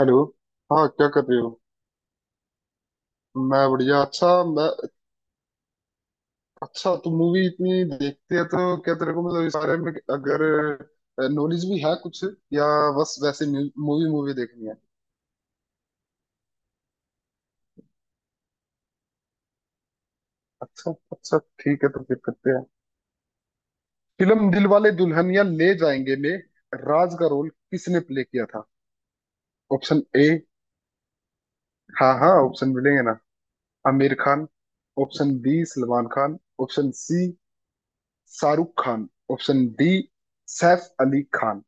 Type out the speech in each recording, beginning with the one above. Hello. हाँ, क्या कर रहे हो? मैं बढ़िया। अच्छा मैं, अच्छा तुम मूवी इतनी देखते हैं तो क्या तेरे को मतलब इस बारे में अगर नॉलेज भी है कुछ, या बस वैसे मूवी मूवी देखनी है। अच्छा अच्छा, ठीक है तो फिर करते हैं। फिल्म दिलवाले दुल्हनिया ले जाएंगे में राज का रोल किसने प्ले किया था? ऑप्शन ए। हाँ हाँ, ऑप्शन मिलेंगे ना। Aamir Khan, option B Salman Khan, option C Shahrukh Khan, option D Saif Ali Khan.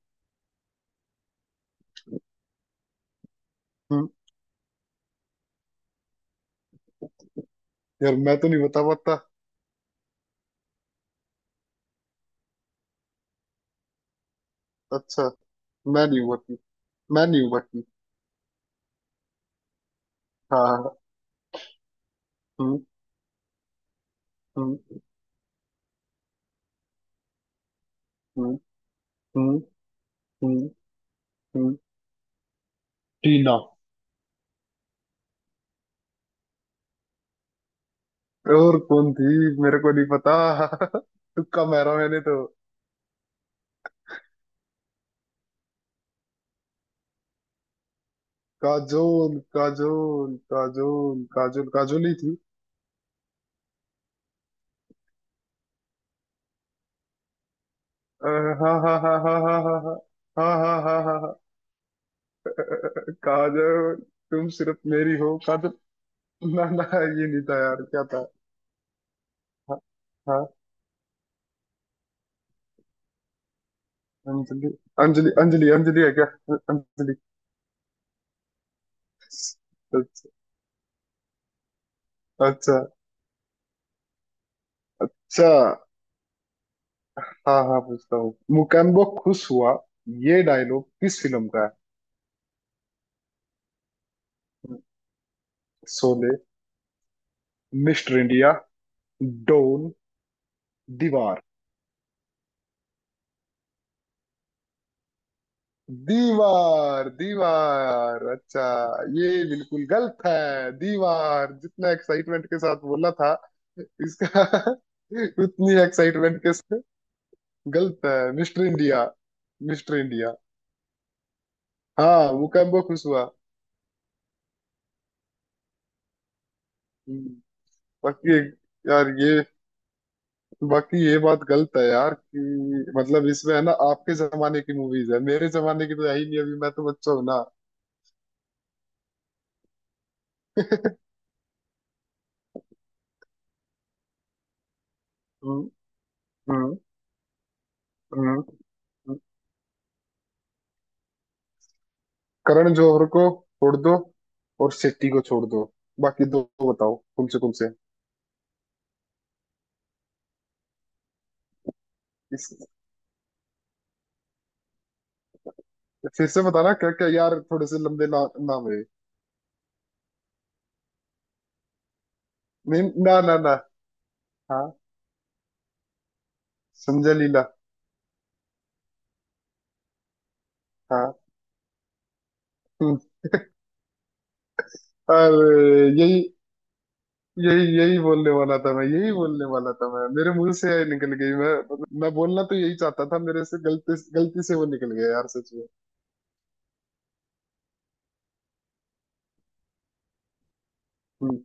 यार मैं तो नहीं बता पाता। अच्छा, मैं नहीं उबरती, मैं नहीं उबरती। हाँ हाँ, हम्म हम्म हम्म हम्म हम्म हम्म, टीना। और कौन थी? मेरे को नहीं पता तुक्का मारा मैंने तो। काजोल काजोल काजोल काजोल काजोल ही थी। हाँ हाँ हाँ हाँ हाँ हाँ हाँ हाँ हाँ हाँ हाँ हाँ, काजोल, तुम सिर्फ मेरी हो काजोल। ना ना, ये नहीं था यार, क्या था? हाँ हाँ। अंजलि, अंजलि अंजलि अंजलि है क्या? अंजलि। अच्छा अच्छा अच्छा। हाँ हाँ, पूछता हूँ। मुकेम्बो खुश हुआ, ये डायलॉग किस फिल्म का है? Sholay, Mister India, Don, Deewar. दीवार दीवार, अच्छा। ये बिल्कुल गलत है, दीवार जितना एक्साइटमेंट के साथ बोला था इसका उतनी एक्साइटमेंट के साथ, गलत है। Mister India, Mister India. हाँ, मुकेम्बो खुश हुआ। हम्म, बाकी, यार ये, बाकी ये बात गलत है यार कि मतलब इसमें है ना आपके जमाने की मूवीज है, मेरे जमाने की तो है ही नहीं, अभी मैं तो बच्चा हूं ना। हम्म, हम्म, हम्म। हम्म। करण जौहर को छोड़ दो, और शेट्टी को छोड़ दो, बाकी दो बताओ, कम से कम से। इस फिर से बताना क्या क्या, यार थोड़े से लंबे ना, नाम है। नहीं ना ना ना। हाँ, संजय लीला। हाँ। हम्म। अरे यही यही यही बोलने वाला था मैं, यही बोलने वाला था मैं, मेरे मुंह से यही निकल गई, मैं मतलब मैं बोलना तो यही चाहता था, मेरे से गलती, गलती से वो निकल गया यार, सच में। हम्म।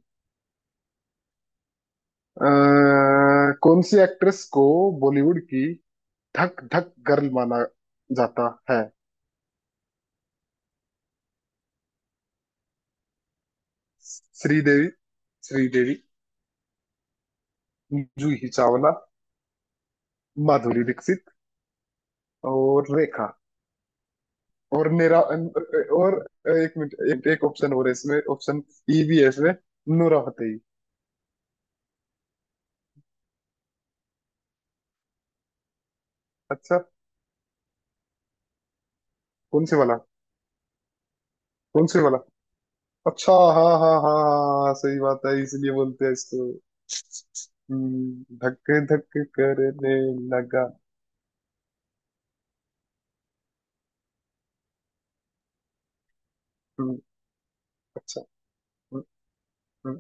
कौन सी एक्ट्रेस को बॉलीवुड की धक धक गर्ल माना जाता है? श्रीदेवी, श्रीदेवी, जूही चावला, माधुरी दीक्षित और रेखा। और मेरा और, एक मिनट, एक ऑप्शन और है इसमें, ऑप्शन ई भी है इसमें, नूरा फतेही। अच्छा। कौन से वाला? कौन से वाला? अच्छा, हाँ हाँ हाँ हाँ हाँ, हाँ, सही बात है, इसलिए बोलते हैं इसको। धक धक करने लगा। हम्म, अच्छा। हम्म, हम्म।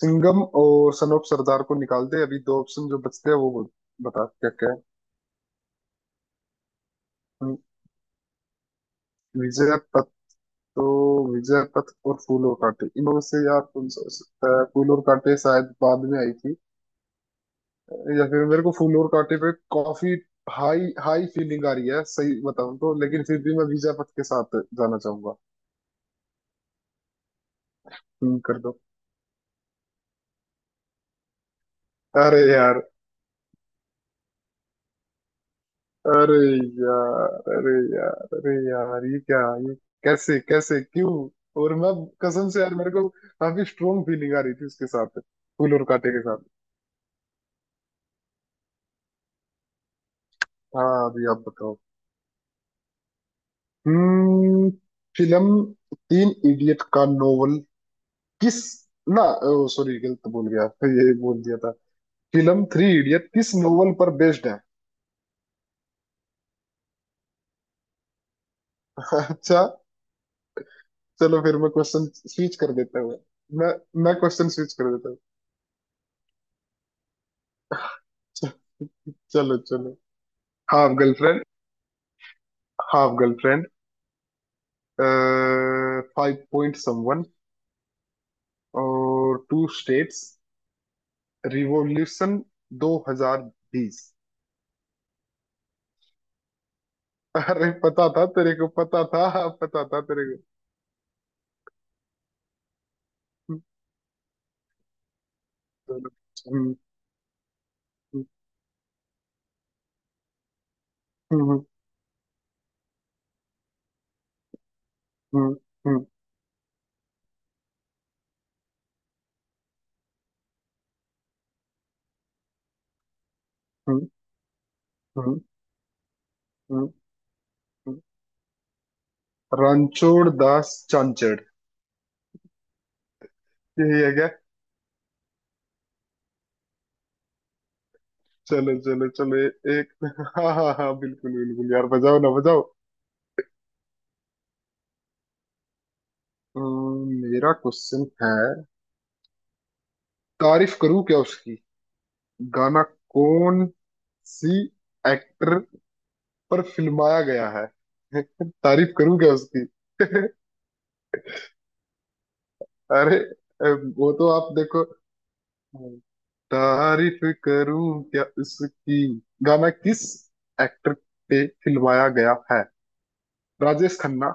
सिंघम और सन ऑफ सरदार को निकाल दे, अभी दो ऑप्शन जो बचते हैं वो बोल- बता क्या क्या है। हम्म, विजय पथ। तो विजय पथ और फूल और कांटे, इनमें से यार कौन सा हो सकता है? फूल और कांटे शायद बाद में आई थी, या फिर मेरे को फूल और कांटे पे काफी हाई हाई फीलिंग आ रही है सही बताऊं तो, लेकिन फिर भी मैं विजय पथ के साथ जाना चाहूंगा। तुम कर दो। अरे यार, अरे यार, अरे यार, अरे यार, ये क्या, ये कैसे कैसे क्यों? और मैं, कसम से यार, मेरे को काफी स्ट्रोंग फीलिंग आ रही थी उसके साथ, फूल और कांटे के साथ। हाँ, अभी आप बताओ। हम्म। फिल्म तीन इडियट का नोवेल किस ना, सॉरी, गलत बोल गया, ये बोल दिया था। फिल्म थ्री इडियट किस नोवेल पर बेस्ड है? अच्छा। चलो फिर मैं क्वेश्चन स्विच कर देता हूँ। मैं मैं क्वेश्चन स्विच कर देता हूँ। चलो चलो। Half girlfriend, half girlfriend, five point someone और टू स्टेट्स, रिवॉल्यूशन 2020। अरे पता था तेरे को, पता था, पता था तेरे को। हम्म, हम्म, हम्म, हम्म, हम्म, हम्म, हम्म, हम्म। रणछोड़ दास चांचड़। यही है क्या? चलो चलो चलो। ए, एक हाँ हाँ हाँ, बिल्कुल बिल्कुल यार, बजाओ ना बजाओ। मेरा क्वेश्चन है। तारीफ करूं क्या उसकी, गाना कौन सी एक्टर पर फिल्माया गया है? तारीफ करूं क्या उसकी। अरे वो तो आप देखो। तारीफ करूं क्या उसकी, गाना किस एक्टर पे फिल्माया गया है? राजेश खन्ना,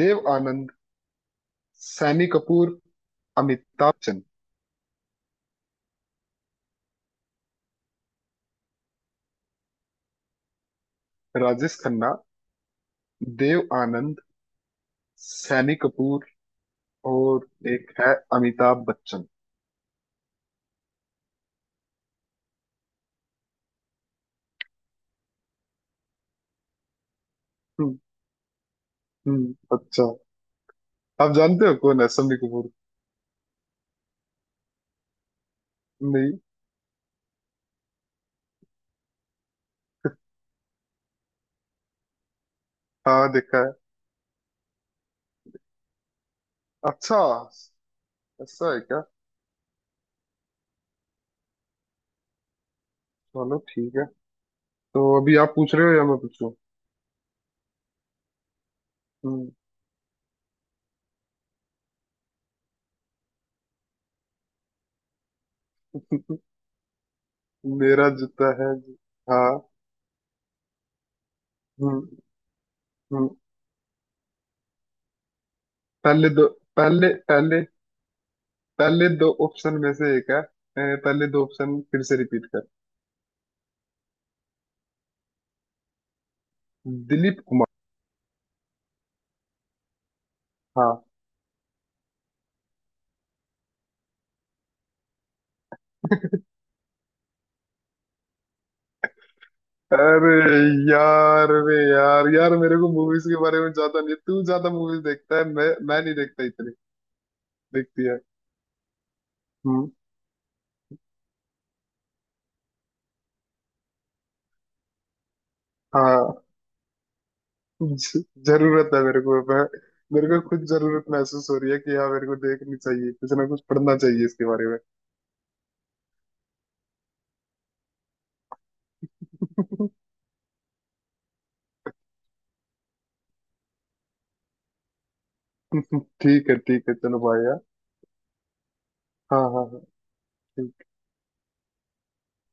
देव आनंद, सैनी कपूर, अमिताभ बच्चन। राजेश खन्ना, देव आनंद, सैनी कपूर और एक है अमिताभ बच्चन। हम्म हम्म, अच्छा। आप जानते हो कौन है सैनी कपूर? नहीं। हाँ, देखा है। अच्छा, ऐसा है क्या? चलो ठीक है। तो अभी आप पूछ रहे हो या मैं पूछूं? हम्म। मेरा जूता है जी। हाँ। हम्म हम्म। पहले दो, पहले पहले, पहले दो ऑप्शन में से एक है। ए, पहले दो ऑप्शन फिर से रिपीट कर। दिलीप कुमार। हाँ। अरे यार, अरे यार, यार मेरे को मूवीज के बारे में ज्यादा नहीं, तू ज्यादा मूवीज देखता है, मैं नहीं देखता इतनी देखती है। हम्म, हाँ, जरूरत है मेरे को, मैं मेरे को खुद जरूरत महसूस हो रही है कि हाँ, मेरे को देखनी चाहिए कुछ ना कुछ, पढ़ना चाहिए इसके बारे में। ठीक है ठीक है, चलो भाई यार। हाँ हाँ हाँ।